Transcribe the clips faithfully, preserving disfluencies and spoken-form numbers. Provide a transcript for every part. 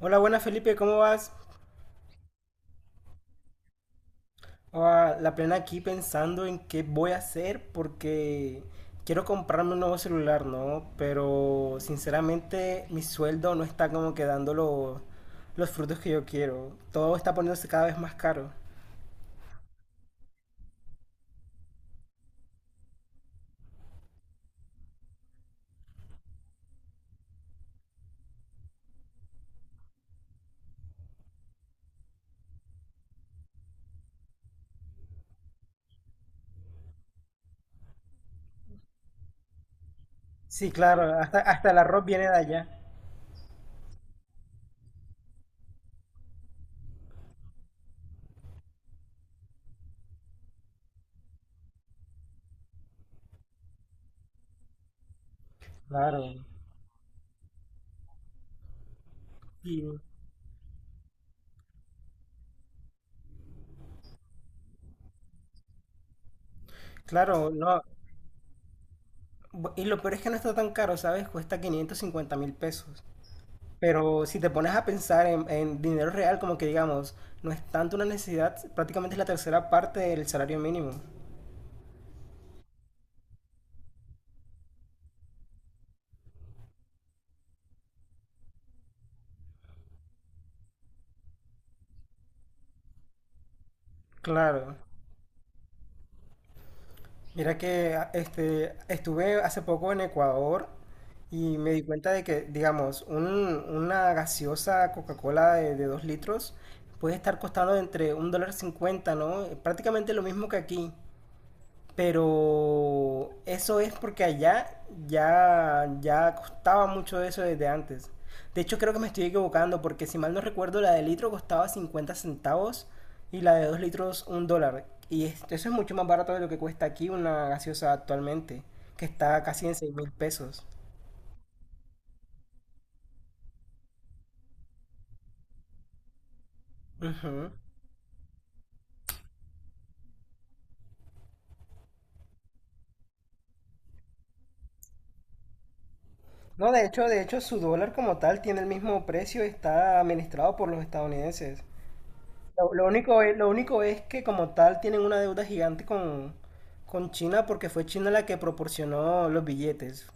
Hola, buenas Felipe, ¿cómo vas? Ah, la plena aquí pensando en qué voy a hacer porque quiero comprarme un nuevo celular, ¿no? Pero sinceramente mi sueldo no está como que dando lo- los frutos que yo quiero. Todo está poniéndose cada vez más caro. Sí, claro, hasta, hasta el arroz viene de allá. Claro. Y, claro, no. bu- Y lo peor es que no está tan caro, ¿sabes? Cuesta quinientos cincuenta mil pesos. Pero si te pones a pensar en, en dinero real, como que digamos, no es tanto una necesidad, prácticamente es la tercera parte del salario mínimo. Claro. Mira que a- este, estuve hace poco en Ecuador y me di cuenta de que, digamos, un- una gaseosa Coca-Cola de, de dos litros puede estar costando entre un dólar cincuenta, ¿no? Prácticamente lo mismo que aquí. Pero eso es porque allá ya, ya costaba mucho eso desde antes. De hecho, creo que me estoy equivocando porque si mal no recuerdo, la de litro costaba cincuenta centavos y la de dos litros un dólar. Y es- eso es mucho más barato de lo que cuesta aquí una gaseosa actualmente, que está casi en seis mil pesos. Ujú. No, de hecho, de hecho, su dólar como tal tiene el mismo precio, está administrado por los estadounidenses. Lo, lo único es, lo único es que como tal tienen una deuda gigante con, con China porque fue China la que proporcionó los billetes.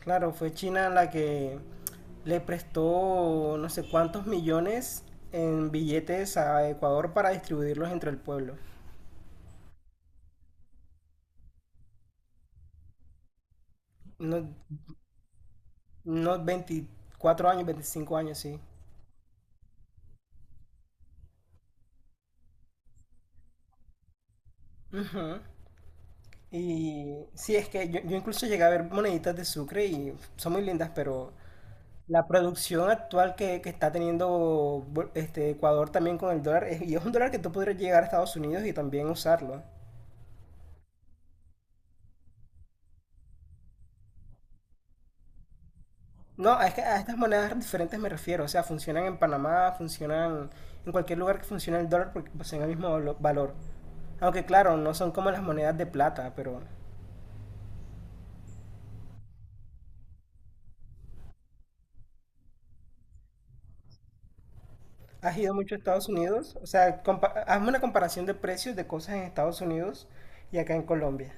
Claro, fue China la que le prestó no sé cuántos millones en billetes a Ecuador para distribuirlos entre el pueblo. Unos, unos veinticuatro años, veinticinco años, sí. Ujú. Y sí, es que yo, yo incluso llegué a ver moneditas de Sucre y son muy lindas, pero la producción actual que, que está teniendo bu- este Ecuador también con el dólar, es- y es un dólar que tú podrías llegar a Estados Unidos y también usarlo. No, es que a estas monedas diferentes me refiero, o sea, funcionan en Panamá, funcionan en cualquier lugar que funcione el dólar porque poseen el mismo valo- valor. Aunque claro, no son como las monedas de plata, pero ¿has ido mucho a Estados Unidos? O sea, compa- hazme una comparación de precios de cosas en Estados Unidos y acá en Colombia.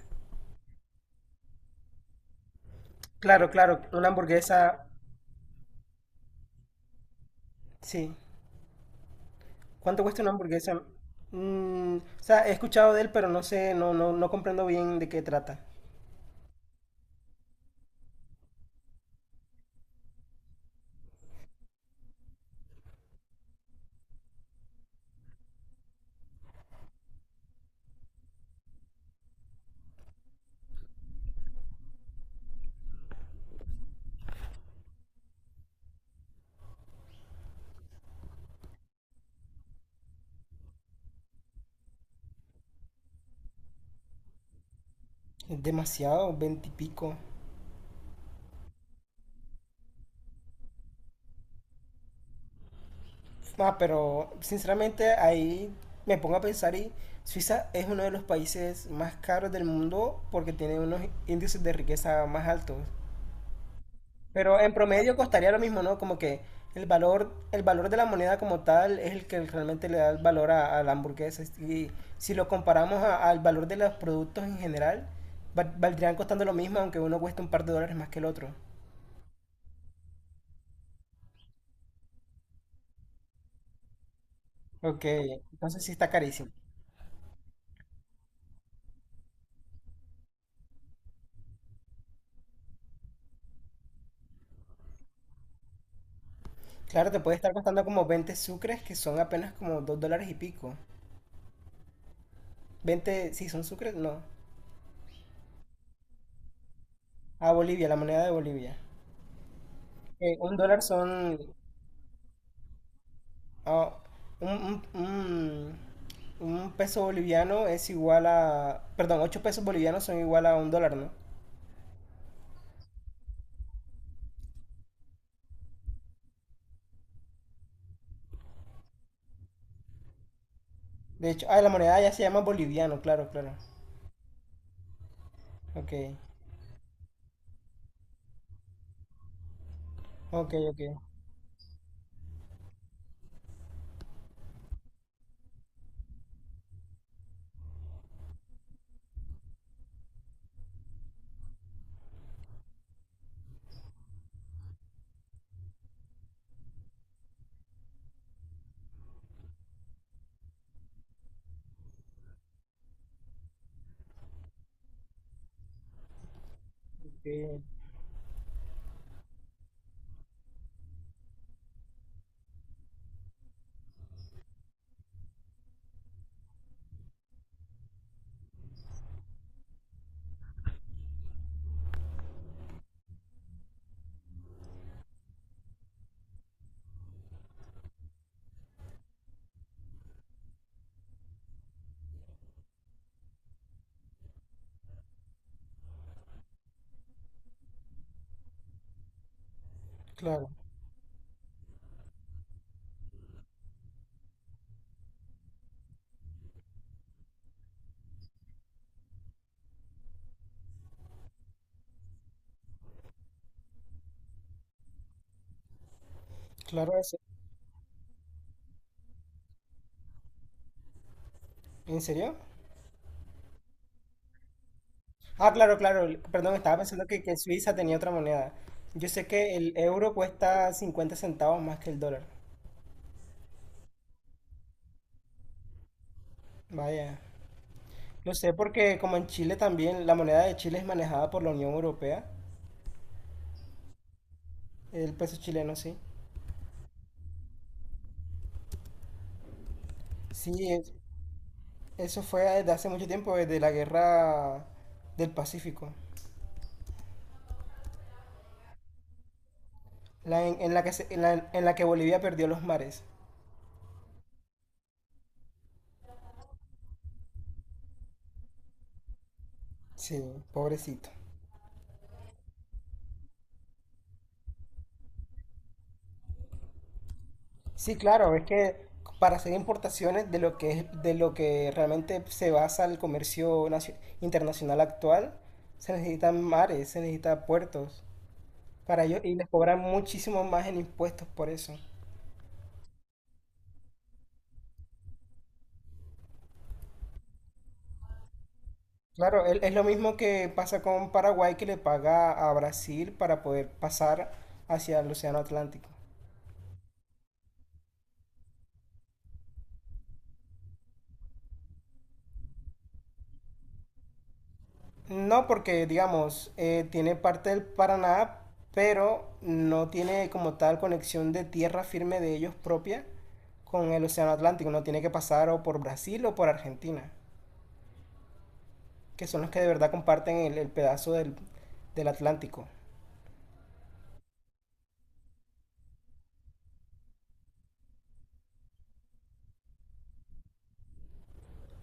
Claro, claro, una hamburguesa, sí. ¿Cuánto cuesta una hamburguesa? Mm, o sea, he escuchado de él, pero no sé, no, no, no comprendo bien de qué trata. Es demasiado, veinte y pico. Ah, pero sinceramente ahí me pongo a pensar y Suiza es uno de los países más caros del mundo porque tiene unos índices de riqueza más altos. Pero en promedio costaría lo mismo, ¿no? Como que el valor, el valor de la moneda como tal es el que realmente le da el valor a, a la hamburguesa. Y si lo comparamos a- al valor de los productos en general, val- valdrían costando lo mismo, aunque uno cueste un par de dólares más que el otro. Ok, entonces sí está carísimo. Claro, te puede estar costando como veinte sucres, que son apenas como dos dólares y pico. Veinte, sí, son sucres, no. A Bolivia, la moneda de Bolivia. Eh, un dólar son, ah, un, un- un- un peso boliviano es igual a, perdón, ocho pesos bolivianos son igual a un dólar, ¿no? De hecho, ah, la moneda ya se llama boliviano, claro, claro. Ok, ok, ok. Ok. Claro, claro, eso. ¿En serio? Ah, claro, claro. el- Perdón, estaba pensando que, que Suiza tenía otra moneda. Yo sé que el euro cuesta cincuenta centavos más que el dólar. Vaya. Lo sé porque como en Chile también, la moneda de Chile es manejada por la Unión Europea, el peso chileno, sí. Sí, es- eso fue desde hace mucho tiempo, desde la guerra del Pacífico, la en, en la que se- en la, en la que Bolivia perdió los mares. Sí, pobrecito. Sí, claro, es que para hacer importaciones de lo que es- de lo que realmente se basa el comercio nacio- internacional actual, se necesitan mares, se necesitan puertos para ello y les cobran muchísimo más en impuestos por eso. Claro, el- es lo mismo que pasa con Paraguay que le paga a Brasil para poder pasar hacia el Océano Atlántico. No porque, digamos, eh, tiene parte del Paraná, pero no tiene como tal conexión de tierra firme de ellos propia con el Océano Atlántico. No tiene que pasar o por Brasil o por Argentina, que son los que de verdad comparten el, el pedazo del, del Atlántico.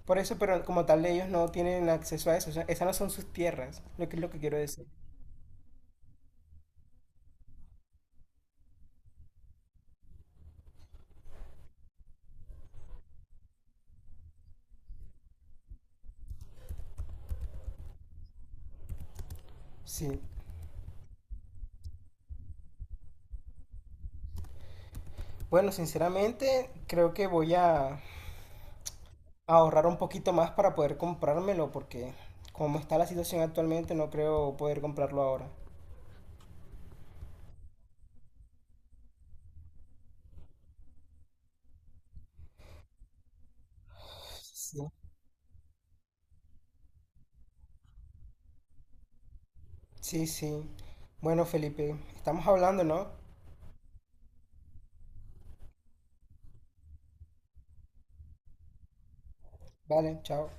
Por eso, pero como tal ellos no tienen acceso a eso. O sea, esas no son sus tierras, lo que es lo que quiero decir. Sí. Bueno, sinceramente, creo que voy a ahorrar un poquito más para poder comprármelo porque como está la situación actualmente no creo poder comprarlo ahora. Sí, sí, sí. Bueno, Felipe, estamos hablando, ¿no? Vale, chao.